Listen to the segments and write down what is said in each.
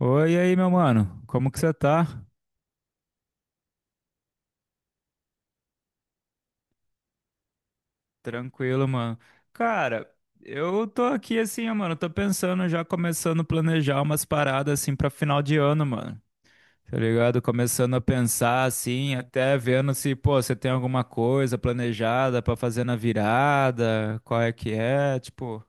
Oi, e aí, meu mano. Como que você tá? Tranquilo, mano. Cara, eu tô aqui assim, ó, mano. Tô pensando, já começando a planejar umas paradas assim pra final de ano, mano. Tá ligado? Começando a pensar assim, até vendo se, pô, você tem alguma coisa planejada pra fazer na virada, qual é que é, tipo.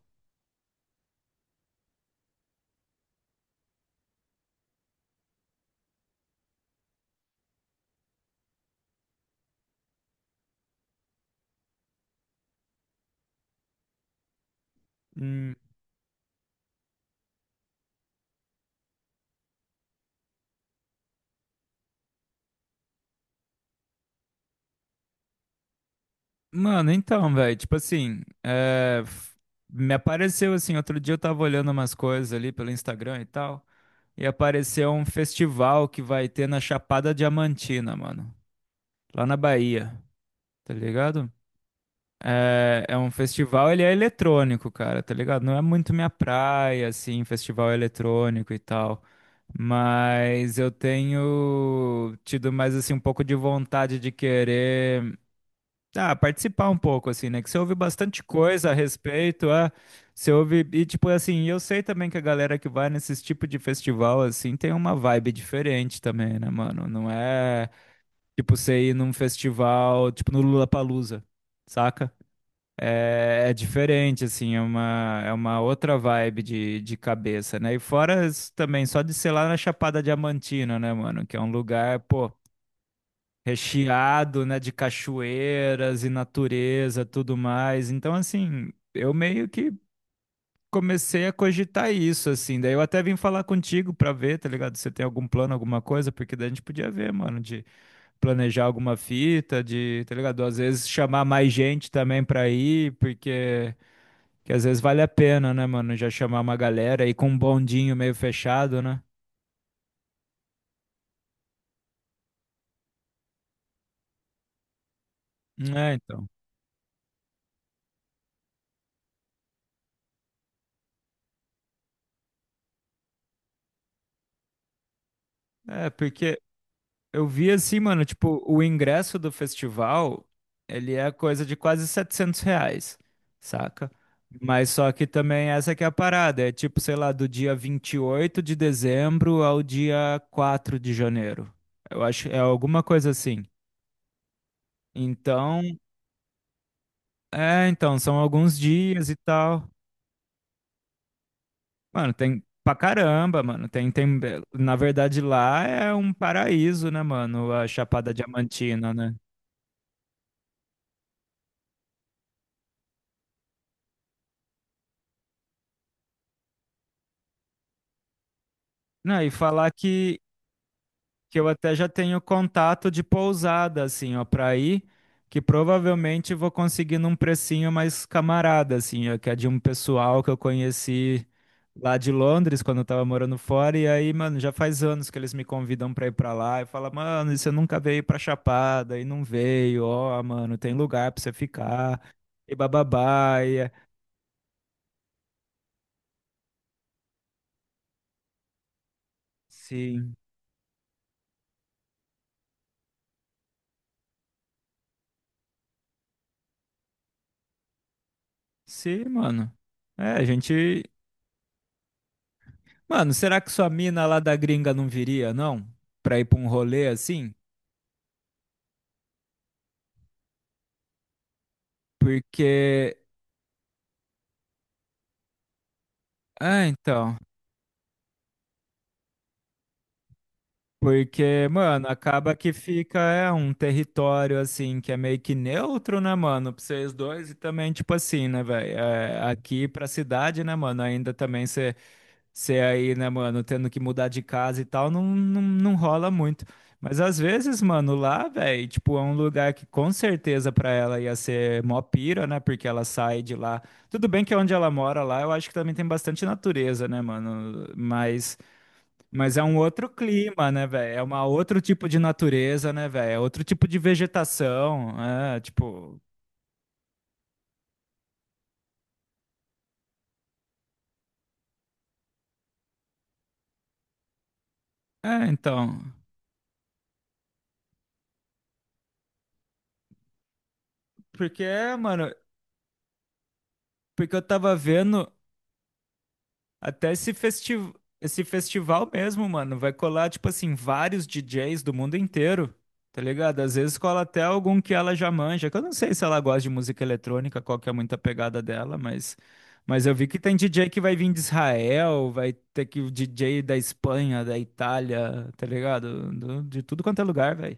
hum, Mano, então, velho, tipo assim, me apareceu assim, outro dia eu tava olhando umas coisas ali pelo Instagram e tal. E apareceu um festival que vai ter na Chapada Diamantina, mano. Lá na Bahia, tá ligado? É um festival, ele é eletrônico, cara, tá ligado? Não é muito minha praia, assim, festival eletrônico e tal. Mas eu tenho tido mais, assim, um pouco de vontade de querer. Ah, participar um pouco, assim, né? Que você ouve bastante coisa a respeito, você ouve, e tipo assim, eu sei também que a galera que vai nesses tipo de festival, assim, tem uma vibe diferente também, né, mano? Não é tipo você ir num festival, tipo no Lollapalooza, saca? É diferente, assim, é uma outra vibe de cabeça, né? E fora isso também, só de ser lá na Chapada Diamantina, né, mano? Que é um lugar, pô, recheado, né, de cachoeiras e natureza, tudo mais. Então, assim, eu meio que comecei a cogitar isso, assim. Daí eu até vim falar contigo pra ver, tá ligado? Se você tem algum plano, alguma coisa, porque daí a gente podia ver, mano, de planejar alguma fita, de, tá ligado? Às vezes chamar mais gente também pra ir, porque que às vezes vale a pena, né, mano? Já chamar uma galera e com um bondinho meio fechado, né? É, então. É, porque eu vi assim, mano, tipo, o ingresso do festival, ele é coisa de quase R$ 700, saca? Mas só que também essa que é a parada, é tipo, sei lá, do dia 28 de dezembro ao dia 4 de janeiro. Eu acho, é alguma coisa assim. Então, então, são alguns dias e tal. Mano, tem pra caramba, mano. Tem, na verdade, lá é um paraíso, né, mano? A Chapada Diamantina, né? Não, e falar que eu até já tenho contato de pousada, assim, ó, pra ir, que provavelmente vou conseguir num precinho mais camarada, assim, ó, que é de um pessoal que eu conheci lá de Londres, quando eu tava morando fora, e aí, mano, já faz anos que eles me convidam pra ir pra lá, e fala, mano, e você nunca veio pra Chapada, e não veio, ó, mano, tem lugar pra você ficar, e bababá, Sim, sim, mano. É, a gente, mano, será que sua mina lá da gringa não viria, não? Pra ir pra um rolê assim? Porque. Ah, então. Porque, mano, acaba que fica é, um território assim que é meio que neutro, né, mano? Pra vocês dois e também, tipo assim, né, velho? É, aqui pra cidade, né, mano? Ainda também você ser aí, né, mano, tendo que mudar de casa e tal, não, não, não rola muito. Mas às vezes, mano, lá, velho, tipo, é um lugar que com certeza pra ela ia ser mó pira, né? Porque ela sai de lá. Tudo bem que é onde ela mora lá, eu acho que também tem bastante natureza, né, mano? Mas é um outro clima, né, velho? É uma outro tipo de natureza, né, velho? É outro tipo de vegetação, é, tipo, é, então, porque, mano, porque eu tava vendo. Até esse festival, esse festival mesmo, mano, vai colar, tipo assim, vários DJs do mundo inteiro, tá ligado? Às vezes cola até algum que ela já manja, que eu não sei se ela gosta de música eletrônica, qual que é muito a pegada dela, mas eu vi que tem DJ que vai vir de Israel, vai ter que o DJ da Espanha, da Itália, tá ligado? De tudo quanto é lugar, velho.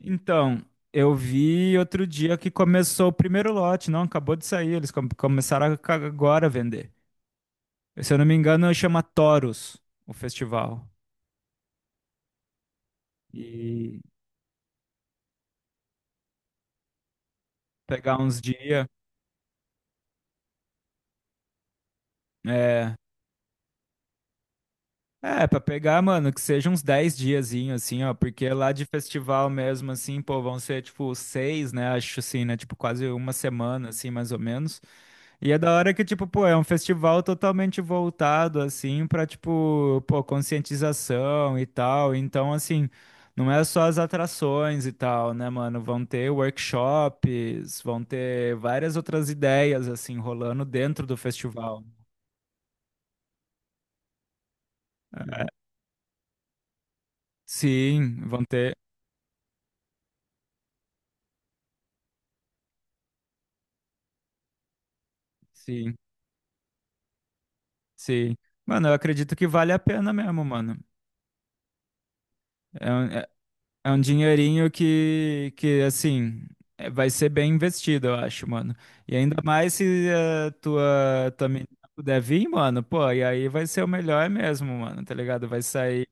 Então, eu vi outro dia que começou o primeiro lote, não, acabou de sair, eles começaram agora a vender. Se eu não me engano, chama Toros o festival. E pegar uns dias. É, é, pra pegar, mano, que seja uns 10 diazinhos, assim, ó. Porque lá de festival mesmo, assim, pô, vão ser tipo seis, né? Acho assim, né? Tipo, quase uma semana, assim, mais ou menos. E é da hora que, tipo, pô, é um festival totalmente voltado, assim, pra, tipo, pô, conscientização e tal. Então, assim, não é só as atrações e tal, né, mano? Vão ter workshops, vão ter várias outras ideias, assim, rolando dentro do festival. Sim, vão ter. Sim, sim. Mano, eu acredito que vale a pena mesmo, mano. É É um dinheirinho que assim, é vai ser bem investido, eu acho, mano. E ainda mais se a tua menina puder vir, mano, pô, e aí vai ser o melhor mesmo, mano, tá ligado? Vai sair,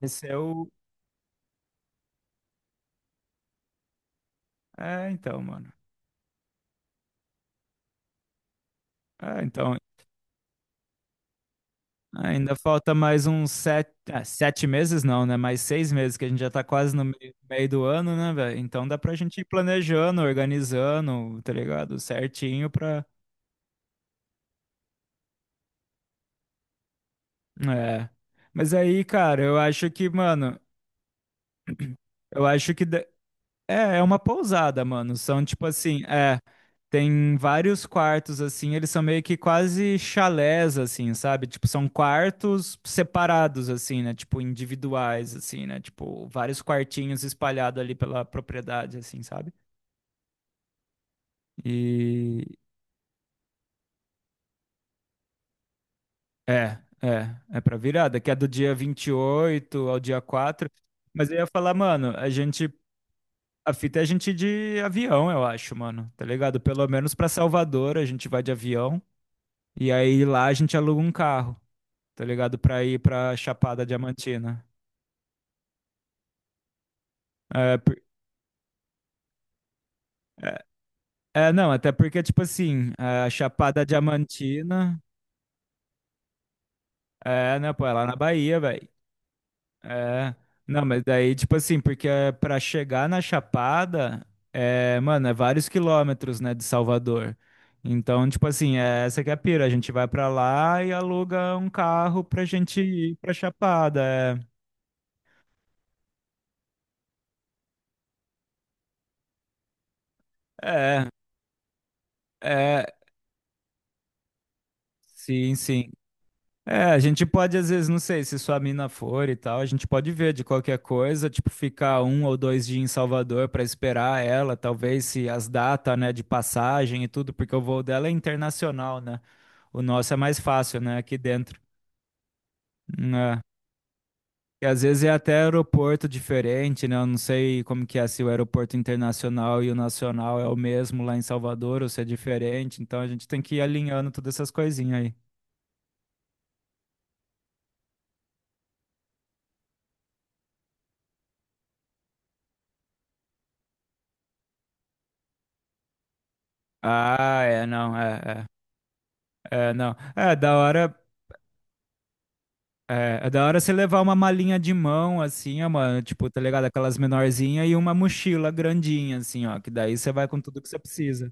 vai ser o... É, então, mano. É, então, ainda falta mais uns sete meses não, né? Mais 6 meses, que a gente já tá quase no meio do ano, né, velho? Então dá pra gente ir planejando, organizando, tá ligado? Certinho pra... É. Mas aí, cara, eu acho que, mano. Eu acho que é uma pousada, mano. São tipo assim, é, tem vários quartos assim, eles são meio que quase chalés assim, sabe? Tipo, são quartos separados assim, né? Tipo, individuais assim, né? Tipo, vários quartinhos espalhados ali pela propriedade assim, sabe? E é pra virada, que é do dia 28 ao dia 4. Mas eu ia falar, mano, a gente. A fita é a gente ir de avião, eu acho, mano. Tá ligado? Pelo menos pra Salvador a gente vai de avião. E aí lá a gente aluga um carro, tá ligado? Pra ir pra Chapada Diamantina. É, por- é, é, não, até porque, tipo assim, a Chapada Diamantina. É, né, pô, é lá na Bahia, velho. É, não, mas daí, tipo assim, porque pra chegar na Chapada, é, mano, é vários quilômetros, né, de Salvador. Então, tipo assim, é, essa que é a pira, a gente vai pra lá e aluga um carro pra gente ir pra Chapada. É, é, é, sim, sim. É, a gente pode, às vezes, não sei, se sua mina for e tal, a gente pode ver de qualquer coisa, tipo, ficar um ou dois dias em Salvador pra esperar ela, talvez se as datas, né, de passagem e tudo, porque o voo dela é internacional, né? O nosso é mais fácil, né? Aqui dentro. Hum. É. E às vezes é até aeroporto diferente, né? Eu não sei como que é, se o aeroporto internacional e o nacional é o mesmo lá em Salvador ou se é diferente. Então a gente tem que ir alinhando todas essas coisinhas aí. Ah, é, não, é, é, não. É da hora, é, é da hora você levar uma malinha de mão, assim, ó, mano, tipo, tá ligado? Aquelas menorzinhas e uma mochila grandinha, assim, ó, que daí você vai com tudo que você precisa.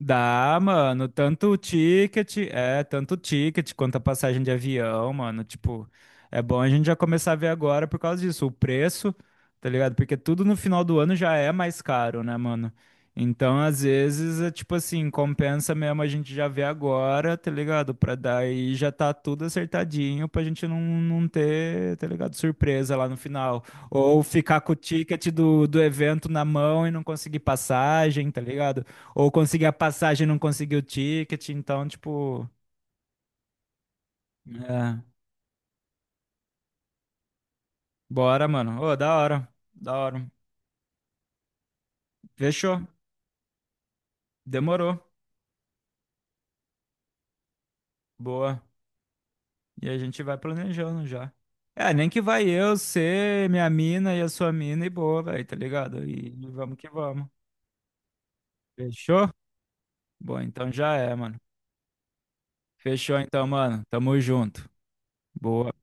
Dá, mano, tanto o ticket, é, tanto o ticket quanto a passagem de avião, mano, tipo, é bom a gente já começar a ver agora por causa disso, o preço, tá ligado? Porque tudo no final do ano já é mais caro, né, mano? Então, às vezes, é tipo assim, compensa mesmo a gente já ver agora, tá ligado? Pra daí já tá tudo acertadinho pra gente não, não ter, tá ligado? Surpresa lá no final. Ou ficar com o ticket do, do evento na mão e não conseguir passagem, tá ligado? Ou consegui a passagem e não consegui o ticket, então, tipo, é, bora, mano. Ô, da hora, da hora. Fechou, demorou, boa. E a gente vai planejando já. É, nem que vai eu, ser minha mina e a sua mina e boa, velho, tá ligado? E vamos que vamos. Fechou? Bom, então já é, mano. Fechou então, mano. Tamo junto. Boa.